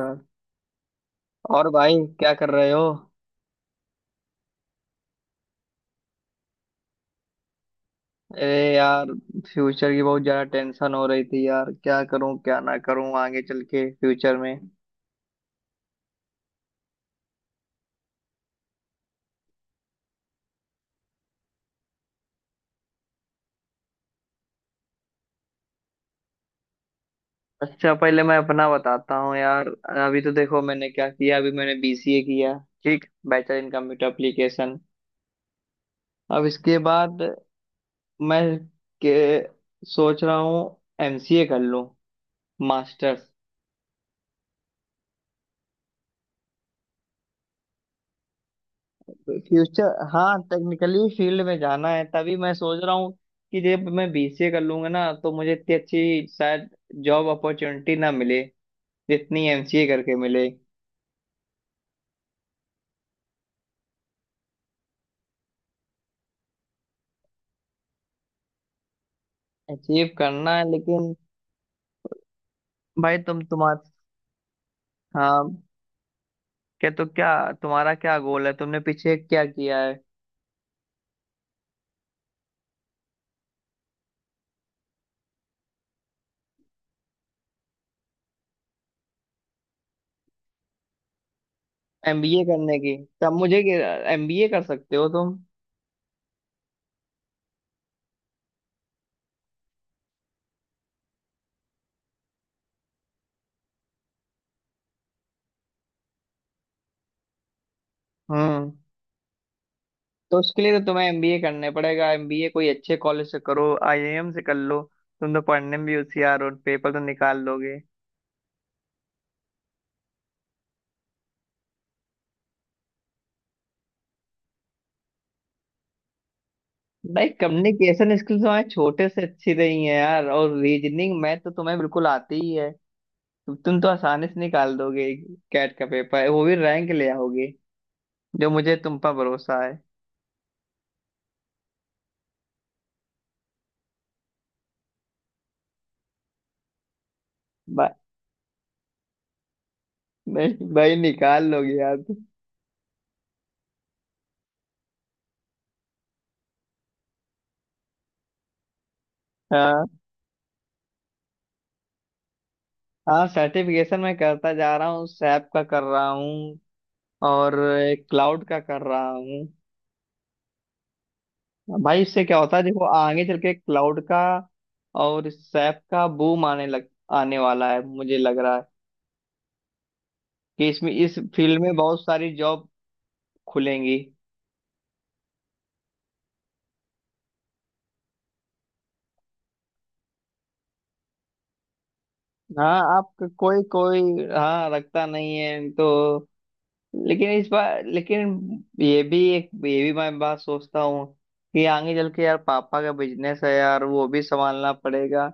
हाँ। और भाई, क्या कर रहे हो? अरे यार, फ्यूचर की बहुत ज्यादा टेंशन हो रही थी यार, क्या करूं क्या ना करूं आगे चल के फ्यूचर में। अच्छा, पहले मैं अपना बताता हूँ यार। अभी तो देखो मैंने क्या किया, अभी मैंने बीसीए किया। ठीक, बैचलर इन कंप्यूटर एप्लीकेशन। अब इसके बाद मैं के सोच रहा हूँ एमसीए कर लूँ, मास्टर्स। फ्यूचर हाँ, टेक्निकली फील्ड में जाना है, तभी मैं सोच रहा हूँ कि जब मैं बीसीए कर लूंगा ना तो मुझे इतनी अच्छी शायद जॉब अपॉर्चुनिटी ना मिले, जितनी एमसीए करके मिले। अचीव करना है लेकिन। भाई तुम तुम्हार हाँ। क्या तुम्हारा क्या गोल है, तुमने पीछे क्या किया है? एमबीए करने की, तब मुझे एमबीए कर सकते हो तुम। हम्म। तो उसके लिए तो तुम्हें एमबीए करने पड़ेगा। एमबीए कोई अच्छे कॉलेज से करो, आईआईएम से कर लो। तुम तो पढ़ने में भी होशियार हो, पेपर तो निकाल लोगे। भाई, कम्युनिकेशन स्किल्स हमारे छोटे से अच्छी रही है यार, और रीजनिंग मैथ तो तुम्हें बिल्कुल आती ही है। तो तुम तो आसानी से निकाल दोगे कैट का पेपर, वो भी रैंक ले आओगे। जो मुझे तुम पर भरोसा है। बा- नहीं भाई, निकाल लोगे यार तुम। हाँ, हाँ, सर्टिफिकेशन मैं करता जा रहा हूँ, सैप का कर रहा हूँ और क्लाउड का कर रहा हूँ। भाई, इससे क्या होता है देखो, आगे चल के क्लाउड का और सैप का बूम आने वाला है। मुझे लग रहा है कि इसमें, इस फील्ड में बहुत सारी जॉब खुलेंगी। हाँ, आप कोई कोई। हाँ, रखता नहीं है तो। लेकिन इस बार, लेकिन ये भी एक, ये भी मैं बात सोचता हूँ कि आगे चल के यार पापा का बिजनेस है यार, वो भी संभालना पड़ेगा।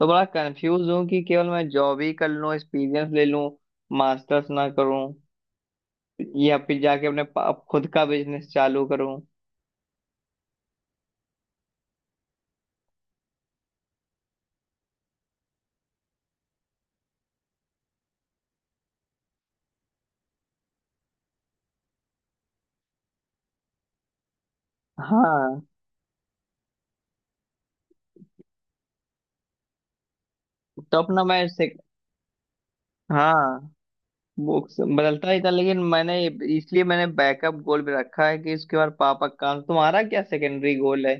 तो बड़ा कंफ्यूज हूँ कि केवल मैं जॉब ही कर लूँ, एक्सपीरियंस ले लूँ, मास्टर्स ना करूँ, या फिर जाके अपने खुद का बिजनेस चालू करूं। हाँ, तो अपना मैं से, हाँ बुक्स बदलता ही था, लेकिन मैंने, इसलिए मैंने बैकअप गोल भी रखा है कि इसके बाद पापा का। तुम्हारा क्या सेकेंडरी गोल है?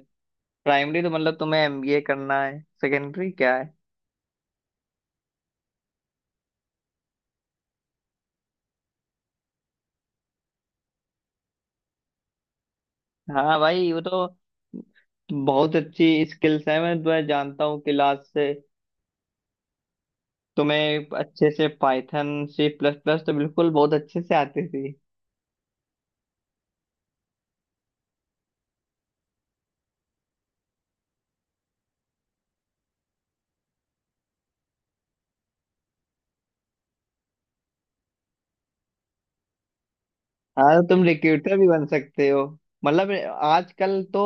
प्राइमरी तो मतलब तुम्हें एमबीए करना है, सेकेंडरी क्या है? हाँ भाई, वो तो बहुत अच्छी स्किल्स है, मैं तुम्हें जानता हूँ क्लास से। तुम्हें अच्छे से पाइथन सी प्लस प्लस तो बिल्कुल बहुत अच्छे से आती थी। हाँ, तो तुम रिक्रूटर भी बन सकते हो, मतलब आजकल तो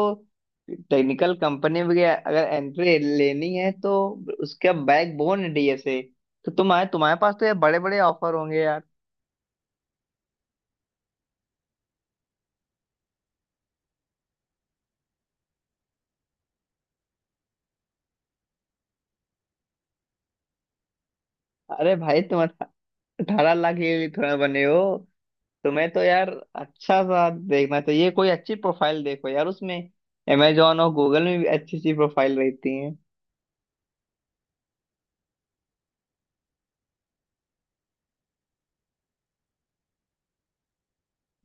टेक्निकल कंपनी में अगर एंट्री लेनी है, तो उसका बैकबोन है डीएसए। तो तुम्हारे तुम्हारे पास तो यार बड़े बड़े ऑफर होंगे यार। अरे भाई, तुम 18 लाख के लिए थोड़ा बने हो। तुम्हें तो यार अच्छा सा देखना चाहिए, कोई अच्छी प्रोफाइल देखो यार उसमें। अमेजोन और गूगल में भी अच्छी अच्छी प्रोफाइल रहती है।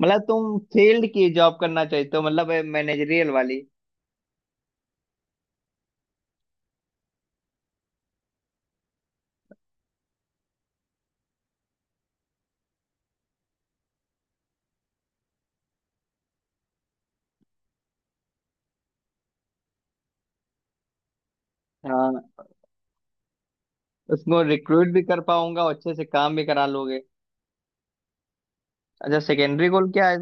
मतलब तुम फील्ड की जॉब करना चाहते हो, मतलब मैनेजरियल वाली? हाँ। उसको रिक्रूट भी कर पाऊंगा और अच्छे से काम भी करा लोगे। अच्छा, सेकेंडरी गोल क्या है?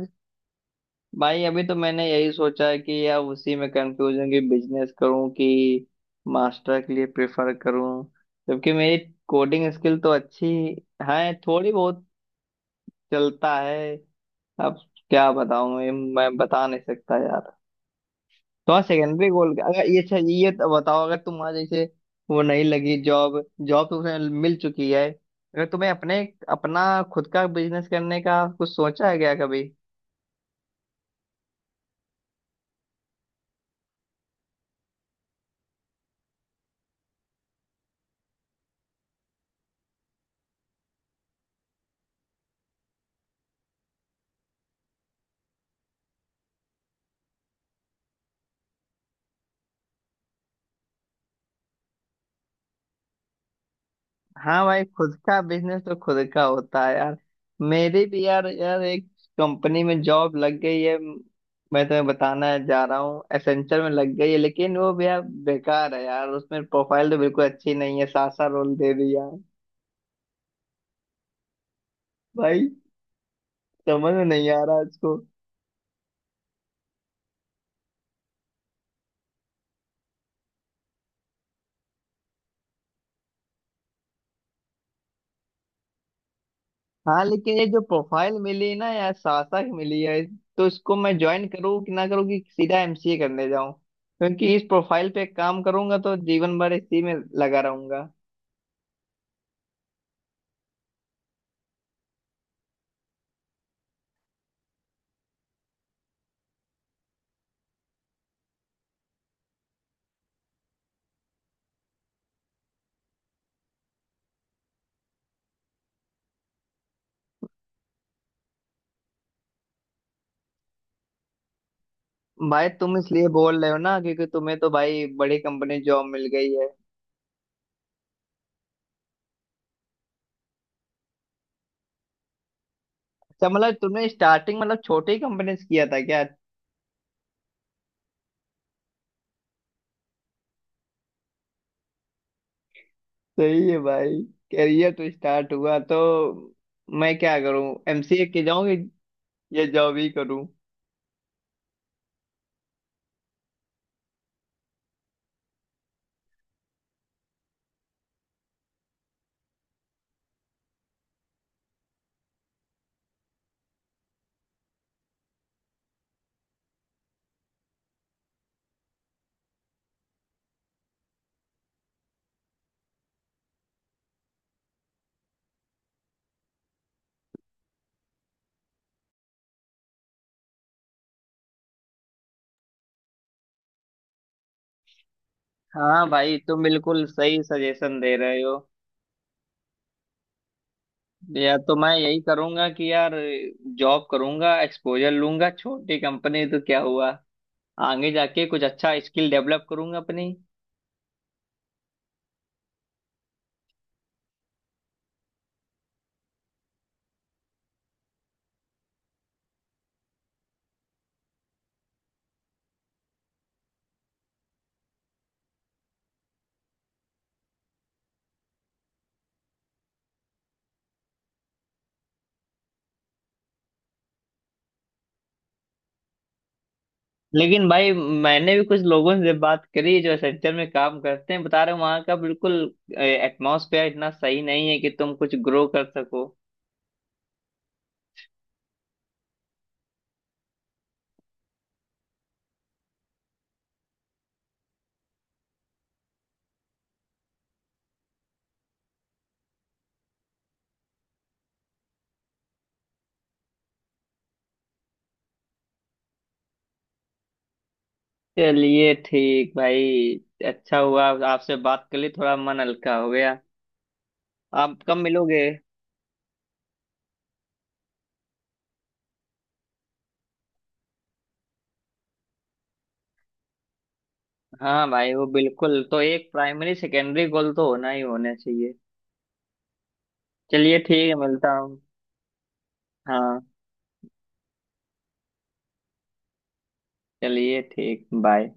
भाई, अभी तो मैंने यही सोचा है कि यार उसी में कंफ्यूज हूँ कि बिजनेस करूँ कि मास्टर के लिए प्रेफर करूँ, जबकि मेरी कोडिंग स्किल तो अच्छी है थोड़ी बहुत, चलता है अब। क्या बताऊँ मैं बता नहीं सकता यार। तो हाँ, सेकेंडरी गोल अगर ये, अच्छा, ये तो बताओ अगर तुम्हारा जैसे वो नहीं लगी जॉब, जॉब तो तुम्हें मिल चुकी है, अगर तुम्हें अपने, अपना खुद का बिजनेस करने का कुछ सोचा है क्या कभी? हाँ भाई, खुद का बिजनेस तो खुद का होता है यार। मेरी भी यार, यार, एक कंपनी में जॉब लग गई है, मैं तुम्हें बताना जा रहा हूँ, एसेंचर में लग गई है, लेकिन वो भी यार बेकार है यार, उसमें प्रोफाइल तो बिल्कुल अच्छी नहीं है, सासा रोल दे दिया। भाई, समझ में नहीं आ रहा इसको। हाँ, लेकिन ये जो प्रोफाइल मिली ना यार, सासा की मिली है, तो इसको मैं ज्वाइन करूँ कि ना करूँ, कि सीधा एमसीए करने जाऊँ? क्योंकि इस प्रोफाइल पे काम करूंगा तो जीवन भर इसी में लगा रहूंगा। भाई तुम इसलिए बोल रहे हो ना, क्योंकि तुम्हें तो भाई बड़ी कंपनी जॉब मिल गई है। अच्छा, मतलब तुमने स्टार्टिंग, मतलब छोटी कंपनी से किया था क्या? सही है भाई, करियर तो स्टार्ट हुआ, तो मैं क्या करूँ, एमसीए के जाऊँ या जॉब ही करूँ? हाँ भाई, तुम बिल्कुल सही सजेशन दे रहे हो। या तो मैं यही करूंगा कि यार जॉब करूंगा, एक्सपोजर लूंगा, छोटी कंपनी तो क्या हुआ, आगे जाके कुछ अच्छा स्किल डेवलप करूंगा अपनी। लेकिन भाई, मैंने भी कुछ लोगों से बात करी जो सेक्टर में काम करते हैं, बता रहे वहां का बिल्कुल एटमॉस्फेयर इतना सही नहीं है कि तुम कुछ ग्रो कर सको। चलिए ठीक भाई, अच्छा हुआ आपसे बात कर ली, थोड़ा मन हल्का हो गया। आप कब मिलोगे? हाँ भाई, वो बिल्कुल, तो एक प्राइमरी सेकेंडरी गोल तो होना ही होना चाहिए। चलिए ठीक है, मिलता हूँ। हाँ, चलिए ठीक, बाय।